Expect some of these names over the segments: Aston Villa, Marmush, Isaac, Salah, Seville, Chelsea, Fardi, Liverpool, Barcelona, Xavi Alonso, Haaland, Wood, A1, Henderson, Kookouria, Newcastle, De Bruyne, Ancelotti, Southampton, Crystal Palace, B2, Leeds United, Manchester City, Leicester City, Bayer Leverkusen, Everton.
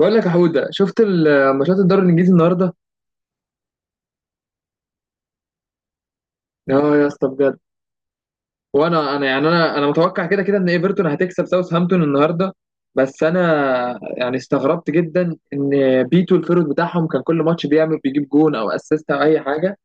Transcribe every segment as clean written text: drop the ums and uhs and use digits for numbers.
بقول لك يا حوده، شفت ماتشات الدوري الانجليزي النهارده. اه يا اسطى بجد. وانا يعني انا متوقع كده كده ان ايفرتون هتكسب ساوثهامبتون النهارده. بس انا يعني استغربت جدا ان بيتو الفيرود بتاعهم كان كل ماتش بيعمل، بيجيب جون او اسيست او اي حاجه.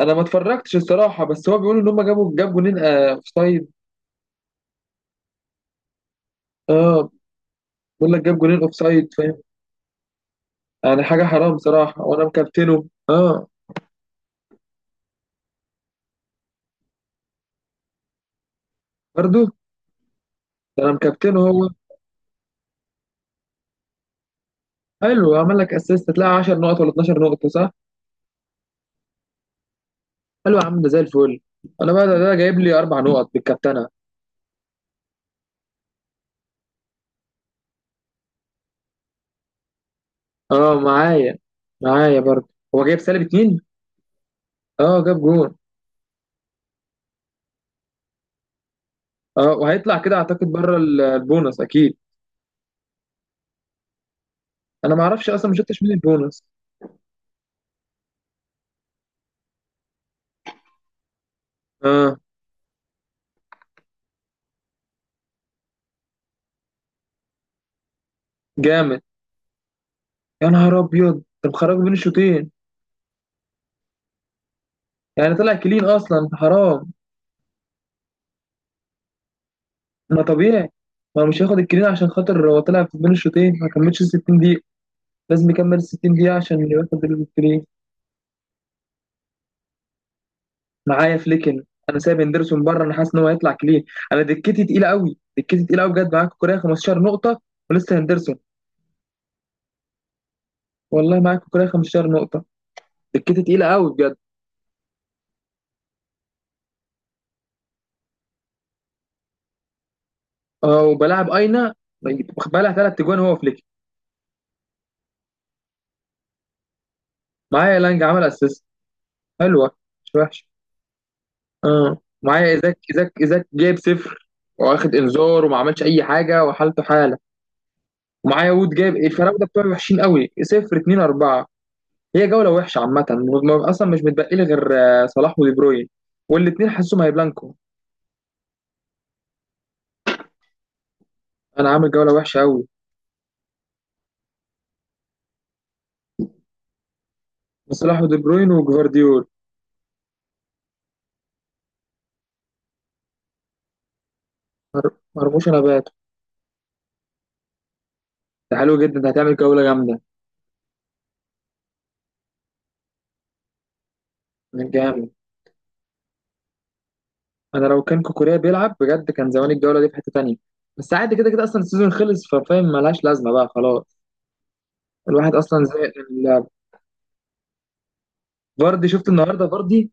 انا ما اتفرجتش الصراحه، بس هو بيقولوا ان هم جابوا، جاب جونين اوف سايد. اه، بيقول لك جاب جونين اوف سايد فاهم؟ يعني حاجه حرام صراحه، وانا مكابتنه اه. برضه، ده انا مكابتنه هو. حلو، عمل لك اسيست؟ تلاقي 10 نقط ولا 12 نقطه صح؟ قال له يا عم ده زي الفل. انا بقى ده جايب لي اربع نقط بالكابتنه. اه معايا، معايا برضه. هو جايب سالب اتنين. اه جاب جون. اه، وهيطلع كده اعتقد بره البونص اكيد. انا ما اعرفش اصلا، ما شفتش مين البونص. اه جامد، يا نهار ابيض. انت مخرجه بين الشوطين؟ يعني طلع كلين اصلا، حرام. ما طبيعي، ما هو مش هياخد الكلين عشان خاطر هو طلع بين الشوطين، ما كملش ال 60 دقيقه. لازم يكمل ال 60 دقيقه عشان ياخد الكلين. معايا فليكن. انا سايب اندرسون بره، انا حاسس ان هو هيطلع كلين. انا دكتي تقيله قوي، دكتي تقيله قوي بجد. معاك كوكوريا 15 نقطه، ولسه هندرسون. والله معاك كوكوريا 15 نقطه، دكتي تقيله قوي بجد. اه، وبلاعب اينا بقى ثلاث تجوان هو فليكن. معايا لانج، عمل اسيست حلوه، مش وحش. اه معايا ايزاك، ايزاك ايزاك جايب صفر، واخد انذار وما عملش اي حاجه، وحالته حاله. ومعايا وود، جايب الفراوده بتوعي وحشين قوي، صفر 2 4. هي جولة وحشة عامة، أصلا مش متبقي لي غير آه، صلاح ودي بروين، والاتنين حاسهم هيبلانكو. أنا عامل جولة وحشة أوي. صلاح ودي بروين وجفارديول. مرموش أنا باتو. ده حلو جدا، ده هتعمل جولة جامدة. من جامد. أنا لو كان كوكوريا بيلعب بجد كان زمان الجولة دي في حتة تانية. بس عادي كده كده، أصلا السيزون خلص، ففاهم ملهاش لازمة بقى خلاص. الواحد أصلا زهق من اللعب. فاردي، شفت النهاردة فاردي؟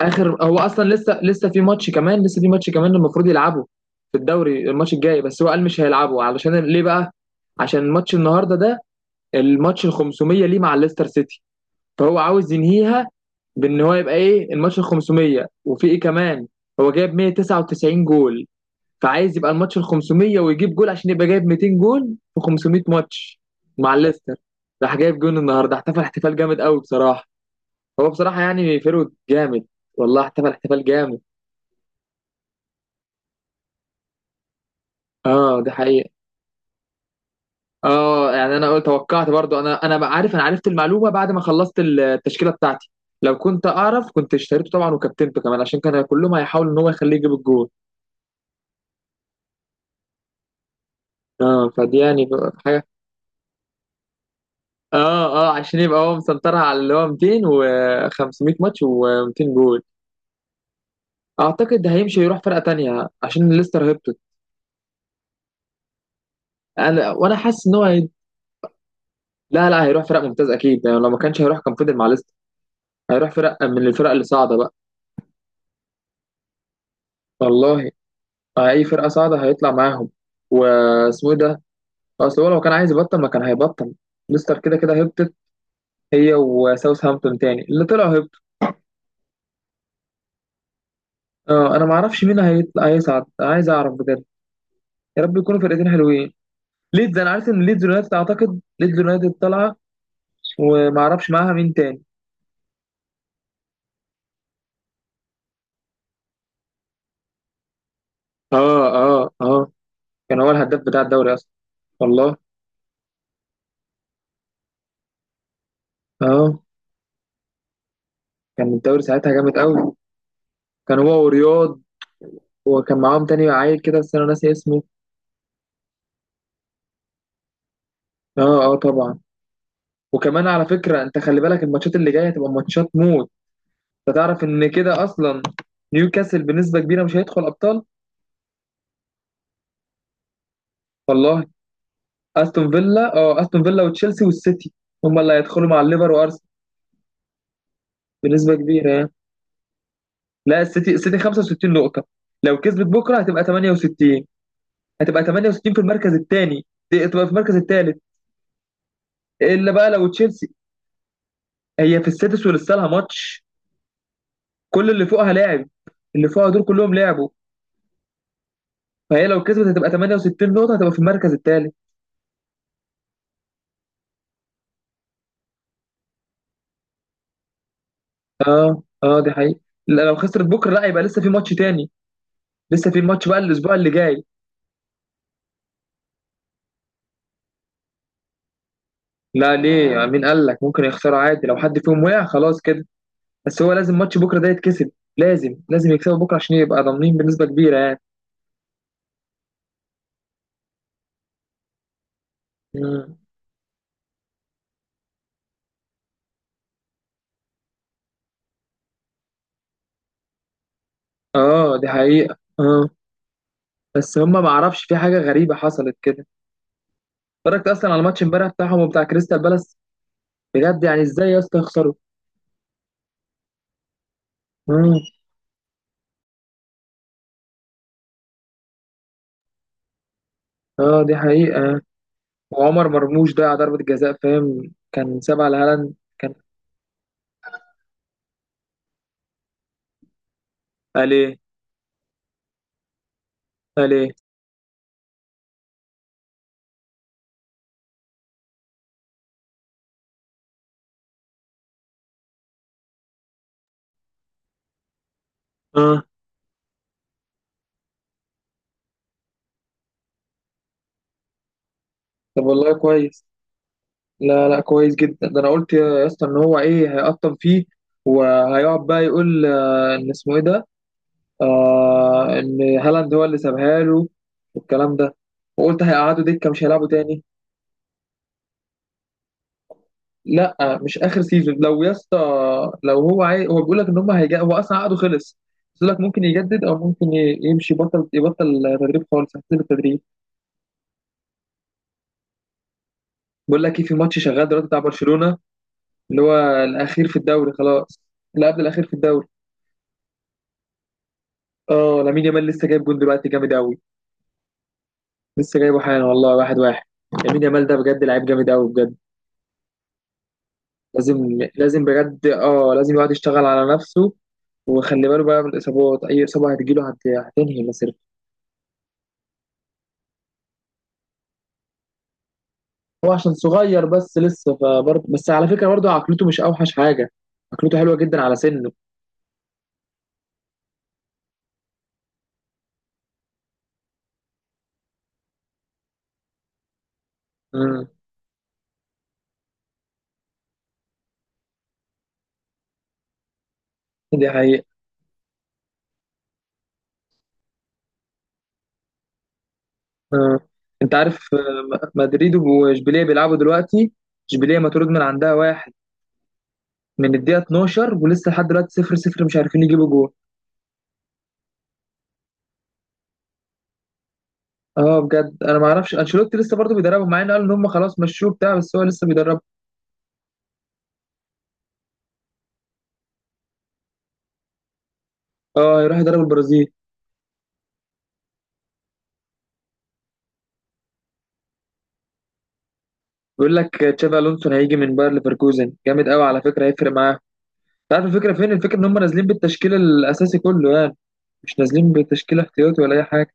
اخر، هو اصلا لسه في ماتش كمان، لسه في ماتش كمان المفروض يلعبه في الدوري، الماتش الجاي. بس هو قال مش هيلعبه، علشان ليه بقى؟ عشان ماتش النهارده ده، الماتش ال 500 ليه مع ليستر سيتي. فهو عاوز ينهيها بان هو يبقى ايه، الماتش ال 500، وفي ايه كمان، هو جايب 199 جول، فعايز يبقى الماتش ال 500 ويجيب جول عشان يبقى جايب 200 جول في 500 ماتش مع ليستر. راح جايب جول النهارده، احتفل احتفال جامد قوي بصراحة. هو بصراحة يعني فيرود جامد، والله احتفل احتفال جامد. اه دي حقيقة. اه يعني انا قلت، توقعت برضو. انا انا بقى عارف، انا عرفت المعلومة بعد ما خلصت التشكيلة بتاعتي. لو كنت اعرف كنت اشتريته طبعا، وكابتنته كمان، عشان كان كلهم هيحاولوا ان هو يخليه يجيب الجول. اه، فدي يعني بقى حاجة. اه اه، عشان يبقى هو مسنطرها على اللي هو 200 و500 ماتش و200 جول. اعتقد ده هيمشي يروح فرقة تانية، عشان ليستر هبطت. انا، وانا حاسس ان هو لا لا، هيروح فرق ممتاز اكيد يعني. لو ما كانش هيروح كان فضل مع، هيروح فرقة من الفرق اللي صاعدة بقى. والله، أي فرقة صاعدة هيطلع معاهم. واسمه إيه ده؟ أصل هو لو كان عايز يبطل ما كان هيبطل. ليستر كده كده هبطت، هي وساوثهامبتون، تاني اللي طلعوا هبطوا. آه، أنا ما أعرفش مين هيطلع، هيصعد، عايز أعرف بجد. يا رب يكونوا فرقتين حلوين. ليدز، أنا عارف إن ليدز يونايتد، أعتقد ليدز يونايتد طالعة. وما أعرفش معاها مين تاني. آه آه آه، كان هو الهداف بتاع الدوري أصلا. والله. آه، كان الدوري ساعتها جامد قوي. كان هو ورياض، وكان معاهم تاني عيل كده بس أنا ناسي اسمه. اه اه طبعا. وكمان على فكرة انت خلي بالك، الماتشات اللي جاية هتبقى ماتشات موت. انت تعرف ان كده اصلا نيوكاسل بنسبة كبيرة مش هيدخل ابطال. والله. استون فيلا اه، استون فيلا وتشيلسي والسيتي، هم اللي هيدخلوا مع الليفر وارسنال، بنسبة كبيرة يعني. لا، السيتي، السيتي 65 نقطة، لو كسبت بكرة هتبقى 68. هتبقى 68 في المركز الثاني، تبقى في المركز الثالث. الا بقى لو تشيلسي. هي في السادس، ولسه لها ماتش، كل اللي فوقها لاعب، اللي فوقها دول كلهم لعبوا. فهي لو كسبت هتبقى 68 نقطة، هتبقى في المركز الثالث. اه اه دي حقيقة. لا لو خسرت بكرة لا، يبقى لسه في ماتش تاني، لسه في ماتش بقى الأسبوع اللي جاي. لا ليه يعني؟ مين قال لك ممكن يخسروا؟ عادي، لو حد فيهم وقع خلاص كده. بس هو لازم ماتش بكرة ده يتكسب، لازم لازم يكسبوا بكرة عشان يبقى ضامنين بنسبة كبيرة يعني. مم. اه دي حقيقة. اه، بس هما ما اعرفش، في حاجة غريبة حصلت كده. اتفرجت أصلا على الماتش امبارح بتاعهم وبتاع كريستال بالاس. بجد يعني ازاي يا اسطى يخسروا؟ مم. اه دي حقيقة. وعمر مرموش ضيع ضربة جزاء فاهم، كان سابها لهالاند. كان، قال ايه؟ قال ايه؟ اه طب والله كويس. لا لا كويس جدا، ده انا قلت يا اسطى ان هو ايه، هيقطم فيه. وهيقعد بقى يقول آه، ان اسمه ايه ده، آه ان هالاند هو اللي سابها له، والكلام ده. وقلت هيقعدوا دكه مش هيلعبوا تاني. لا مش اخر سيزون لو يا اسطى. لو هو هو بيقول لك ان هم هيجي، هو اصلا عقده خلص. بيقول لك ممكن يجدد، او ممكن يمشي، بطل، يبطل تدريب خالص، هيسيب التدريب. بقول لك ايه، في ماتش شغال دلوقتي بتاع برشلونة، اللي هو الاخير في الدوري خلاص، اللي قبل الاخير في الدوري. اه، لامين يامال لسه جايب جون دلوقتي، جامد قوي. لسه جايبه حالا والله، واحد واحد. لامين يامال ده بجد لعيب جامد قوي بجد. لازم لازم بجد اه، لازم يقعد يشتغل على نفسه، وخلي باله بقى من الاصابات، اي اصابه هتجيله هتنهي مسيرته. هو عشان صغير بس لسه، فبرضه بس على فكره برضه عقلته مش اوحش حاجه. عقلته حلوه جدا على سنه. امم، دي حقيقة. آه، انت عارف آه، مدريد واشبيليه بيلعبوا دلوقتي. اشبيليه مطرود من عندها واحد من الدقيقه 12، ولسه لحد دلوقتي 0 0، مش عارفين يجيبوا جول. اه بجد. انا ما اعرفش انشيلوتي لسه برضه بيدربهم؟ مع ان قالوا ان هم خلاص مشوه بتاع، بس هو لسه بيدربهم. اه، هيروح يدرب البرازيل. بيقول لك تشافي الونسو هيجي من باير ليفركوزن، جامد قوي على فكره، هيفرق معاهم. انت عارف الفكره فين؟ الفكره ان هم نازلين بالتشكيل الاساسي كله يعني، مش نازلين بتشكيل احتياطي ولا اي حاجه.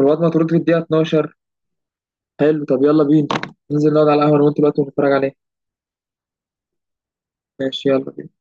الواد مطرود في الدقيقه 12. حلو، طب يلا بينا، ننزل نقعد على القهوه انا وانت دلوقتي ونتفرج عليه. ماشي، يلا بينا.